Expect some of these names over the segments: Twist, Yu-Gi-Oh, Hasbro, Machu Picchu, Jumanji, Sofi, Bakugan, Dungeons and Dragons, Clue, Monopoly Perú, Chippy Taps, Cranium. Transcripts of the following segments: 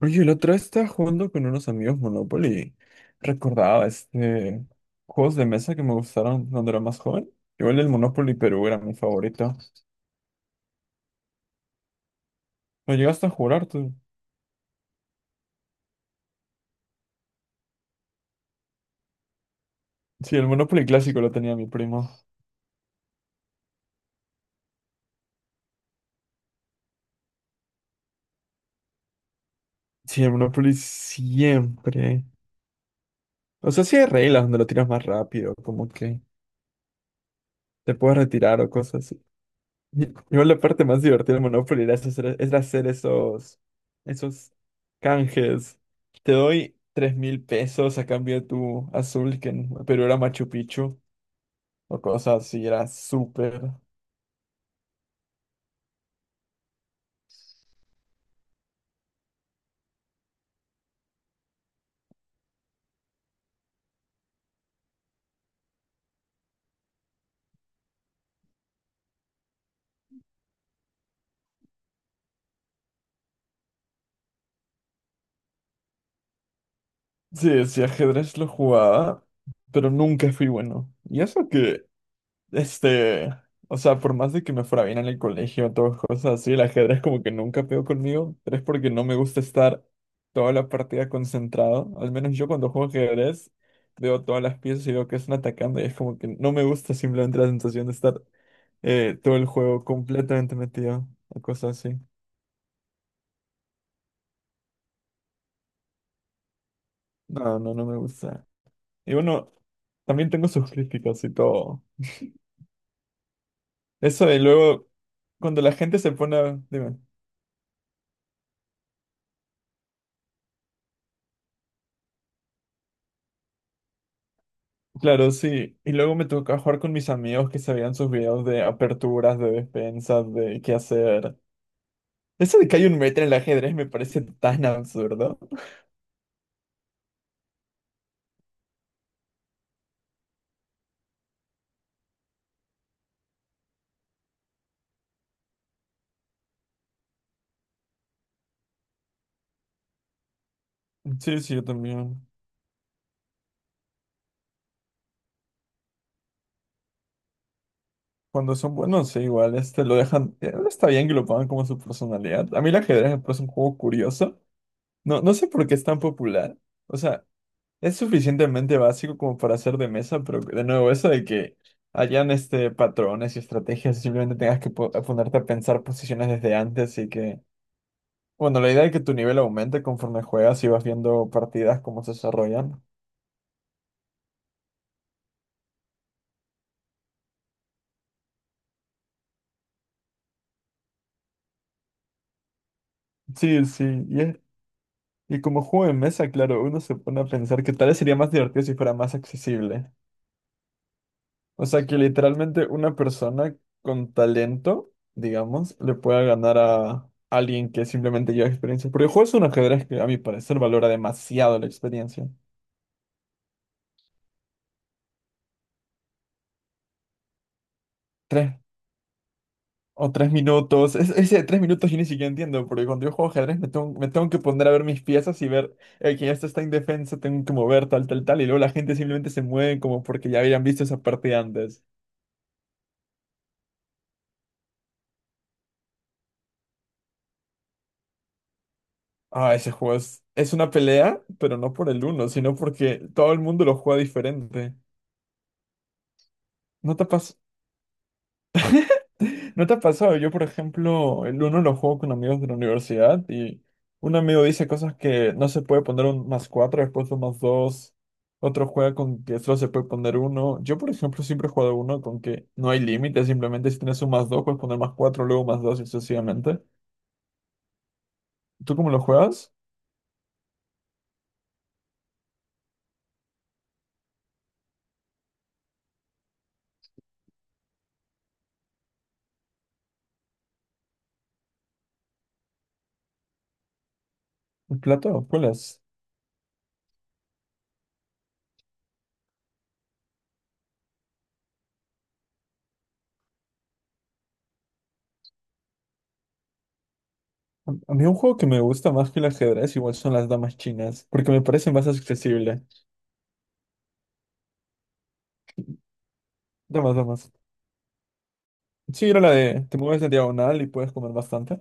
Oye, la otra vez estaba jugando con unos amigos Monopoly. Recordaba juegos de mesa que me gustaron cuando era más joven. Igual el Monopoly Perú era mi favorito. ¿Lo llegaste a jugar tú? Sí, el Monopoly clásico lo tenía mi primo. Sí, el Monopoly siempre. O sea, sí hay reglas donde lo tiras más rápido, como que te puedes retirar o cosas. Igual la parte más divertida de Monopoly era hacer esos canjes. Te doy 3000 pesos a cambio de tu azul, que en Perú era Machu Picchu, o cosas así, era súper. Sí, sí, ajedrez lo jugaba, pero nunca fui bueno. Y eso que Este, o sea, por más de que me fuera bien en el colegio, todas cosas así, el ajedrez como que nunca pegó conmigo, pero es porque no me gusta estar toda la partida concentrado. Al menos yo cuando juego ajedrez veo todas las piezas y veo que están atacando y es como que no me gusta simplemente la sensación de estar todo el juego completamente metido o cosas así. No, no, no me gusta. Y bueno, también tengo sus críticas y todo. Eso de luego, cuando la gente se pone... a- Dime. Claro, sí. Y luego me tocó jugar con mis amigos que sabían sus videos de aperturas, de despensas, de qué hacer. Eso de que hay un metro en el ajedrez me parece tan absurdo. Sí, sí, yo también. Cuando son buenos, sí, igual, este, lo dejan, está bien que lo pongan como su personalidad. A mí el ajedrez me parece un juego curioso. No, no sé por qué es tan popular. O sea, es suficientemente básico como para hacer de mesa, pero de nuevo, eso de que hayan, este, patrones y estrategias y simplemente tengas que ponerte a pensar posiciones desde antes y que... Bueno, la idea es que tu nivel aumente conforme juegas y vas viendo partidas, cómo se desarrollan. Sí, sí, y como juego de mesa, claro, uno se pone a pensar que tal vez sería más divertido si fuera más accesible. O sea, que literalmente una persona con talento, digamos, le pueda ganar a alguien que simplemente lleva experiencia. Porque el juego es un ajedrez que a mi parecer valora demasiado la experiencia. O 3 minutos. Ese de 3 minutos yo ni siquiera entiendo, porque cuando yo juego ajedrez me tengo que poner a ver mis piezas y ver que ya está indefensa, tengo que mover tal, tal, tal, y luego la gente simplemente se mueve como porque ya habían visto esa partida antes. Ah, ese juego es una pelea, pero no por el uno, sino porque todo el mundo lo juega diferente. ¿No te pasa? ¿No te ha pasado? Yo, por ejemplo, el uno lo juego con amigos de la universidad y un amigo dice cosas que no se puede poner un más cuatro, después un más dos. Otro juega con que solo se puede poner uno. Yo, por ejemplo, siempre he jugado uno con que no hay límite, simplemente si tienes un más dos, puedes poner más cuatro, luego más dos y sucesivamente. ¿Tú cómo lo juegas? ¿El plato? ¿Cuál es? A mí un juego que me gusta más que el ajedrez igual son las damas chinas, porque me parece más accesible. Damas, damas. Sí, era la de te mueves en diagonal y puedes comer bastante.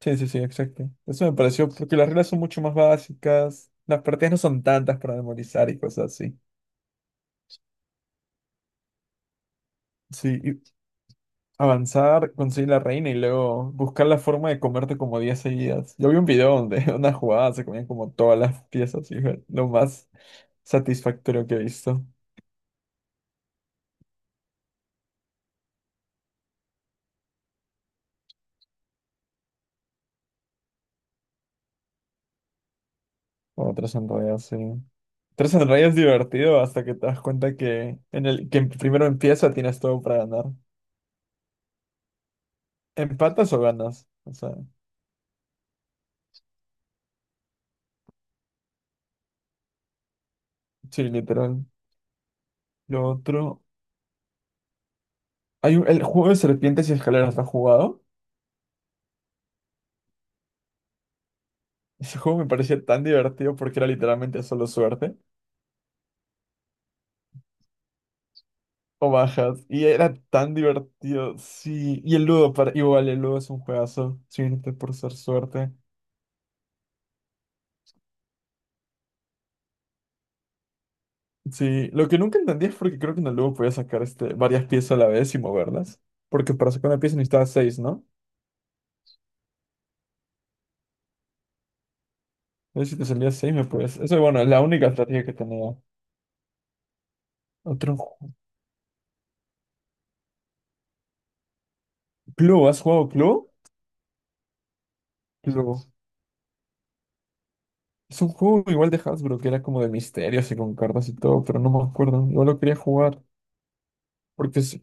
Sí, sí, sí, exacto. Eso me pareció, porque las reglas son mucho más básicas, las partidas no son tantas para memorizar y cosas así. Sí, y avanzar, conseguir la reina y luego buscar la forma de comerte como 10 seguidas. Yo vi un video donde una jugada se comían como todas las piezas y fue lo más satisfactorio que he visto. O tres enrayas, sí. Tres enrayas es divertido hasta que te das cuenta que en el que primero empieza tienes todo para ganar. ¿Empatas o ganas? O sea, sí, literal. Lo otro. El juego de serpientes y escaleras, ¿lo has jugado? Ese juego me parecía tan divertido porque era literalmente solo suerte o bajas. Y era tan divertido, sí. Y el Ludo, para, igual, el Ludo es un juegazo, simplemente por ser suerte. Sí, lo que nunca entendí es porque creo que en el Ludo podías sacar este, varias piezas a la vez y moverlas. Porque para sacar una pieza necesitabas 6, ¿no? Entonces si te salía 6 me puedes... Eso, bueno, es la única estrategia que tenía. Otro... ju- Clue, ¿has jugado Clue? Clue. Es un juego igual de Hasbro, que era como de misterios y con cartas y todo, pero no me acuerdo. Yo lo quería jugar, porque es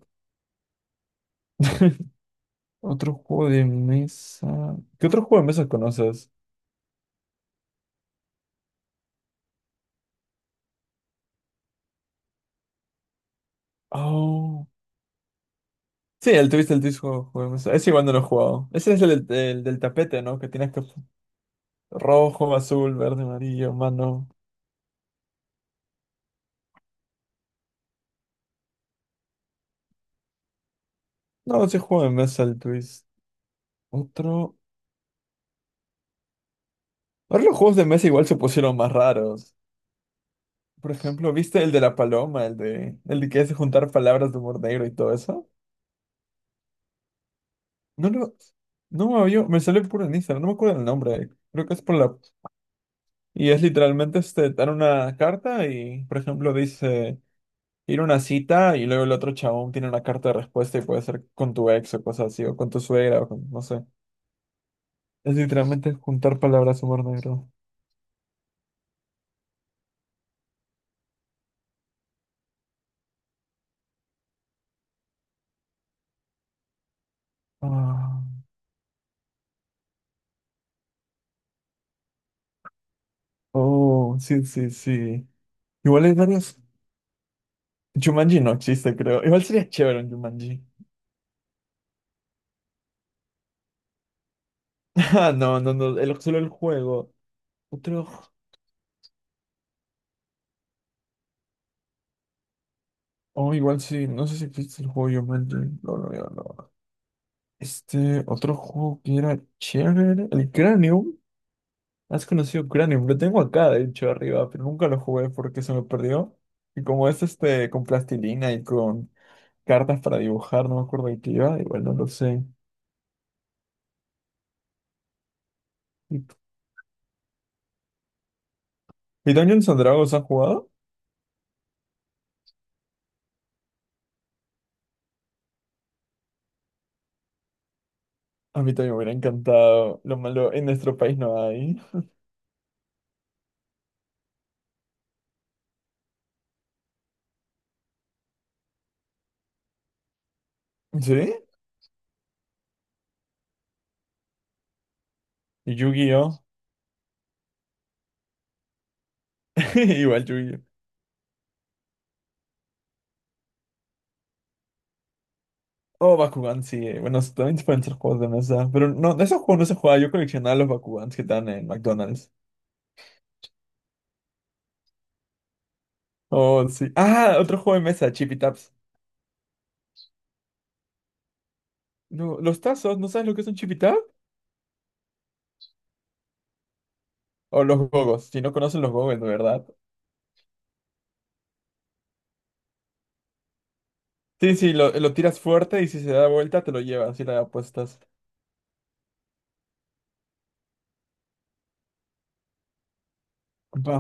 otro juego de mesa. ¿Qué otro juego de mesa conoces? Oh. Sí, el Twist, juego de mesa. Ese igual no lo he jugado. Ese es del el del tapete, ¿no? Que tienes que... Rojo, azul, verde, amarillo, mano. No, ese juego de mesa, el Twist. Otro... Ahora los juegos de mesa igual se pusieron más raros. Por ejemplo, ¿viste el de la paloma? El de que hace juntar palabras de humor negro y todo eso. No lo. No me había- Me sale por en Instagram, no me acuerdo el nombre. Creo que es por la. Y es literalmente este, dar una carta y, por ejemplo, dice ir a una cita y luego el otro chabón tiene una carta de respuesta y puede ser con tu ex o cosas así, o con tu suegra, o con, no sé. Es literalmente juntar palabras humor negro. Ah. Oh, sí, sí, sí. Igual hay varios. Jumanji no existe, creo. Igual sería chévere un Jumanji. Ah, no, no, no. El, solo el juego. Otro. Oh, igual sí, no sé si existe el juego Jumanji. No, no, no, no. Este otro juego que era chévere, el Cranium. ¿Has conocido Cranium? Lo tengo acá, de hecho, arriba, pero nunca lo jugué porque se me perdió. Y como es este con plastilina y con cartas para dibujar, no me acuerdo de qué iba, igual no lo sé. ¿Y y Dungeons and Dragons has jugado? A mí también me hubiera encantado. Lo malo, en nuestro país no hay. ¿Sí? ¿Y Yu-Gi-Oh? Igual Yu-Gi-Oh. Oh, Bakugan, sí. Bueno, también pueden ser juegos de mesa. Pero no, de esos juegos no se juega. Yo coleccionaba los Bakugans que están en McDonald's. Oh, sí. Ah, otro juego de mesa, Chippy Taps. No, los tazos, ¿no sabes lo que es un Chippy Tap? O los gogos, si no conocen los gogos, de verdad. Sí, sí, lo tiras fuerte y si se da vuelta te lo llevas y la apuestas. Va,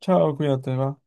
chao, cuídate, va.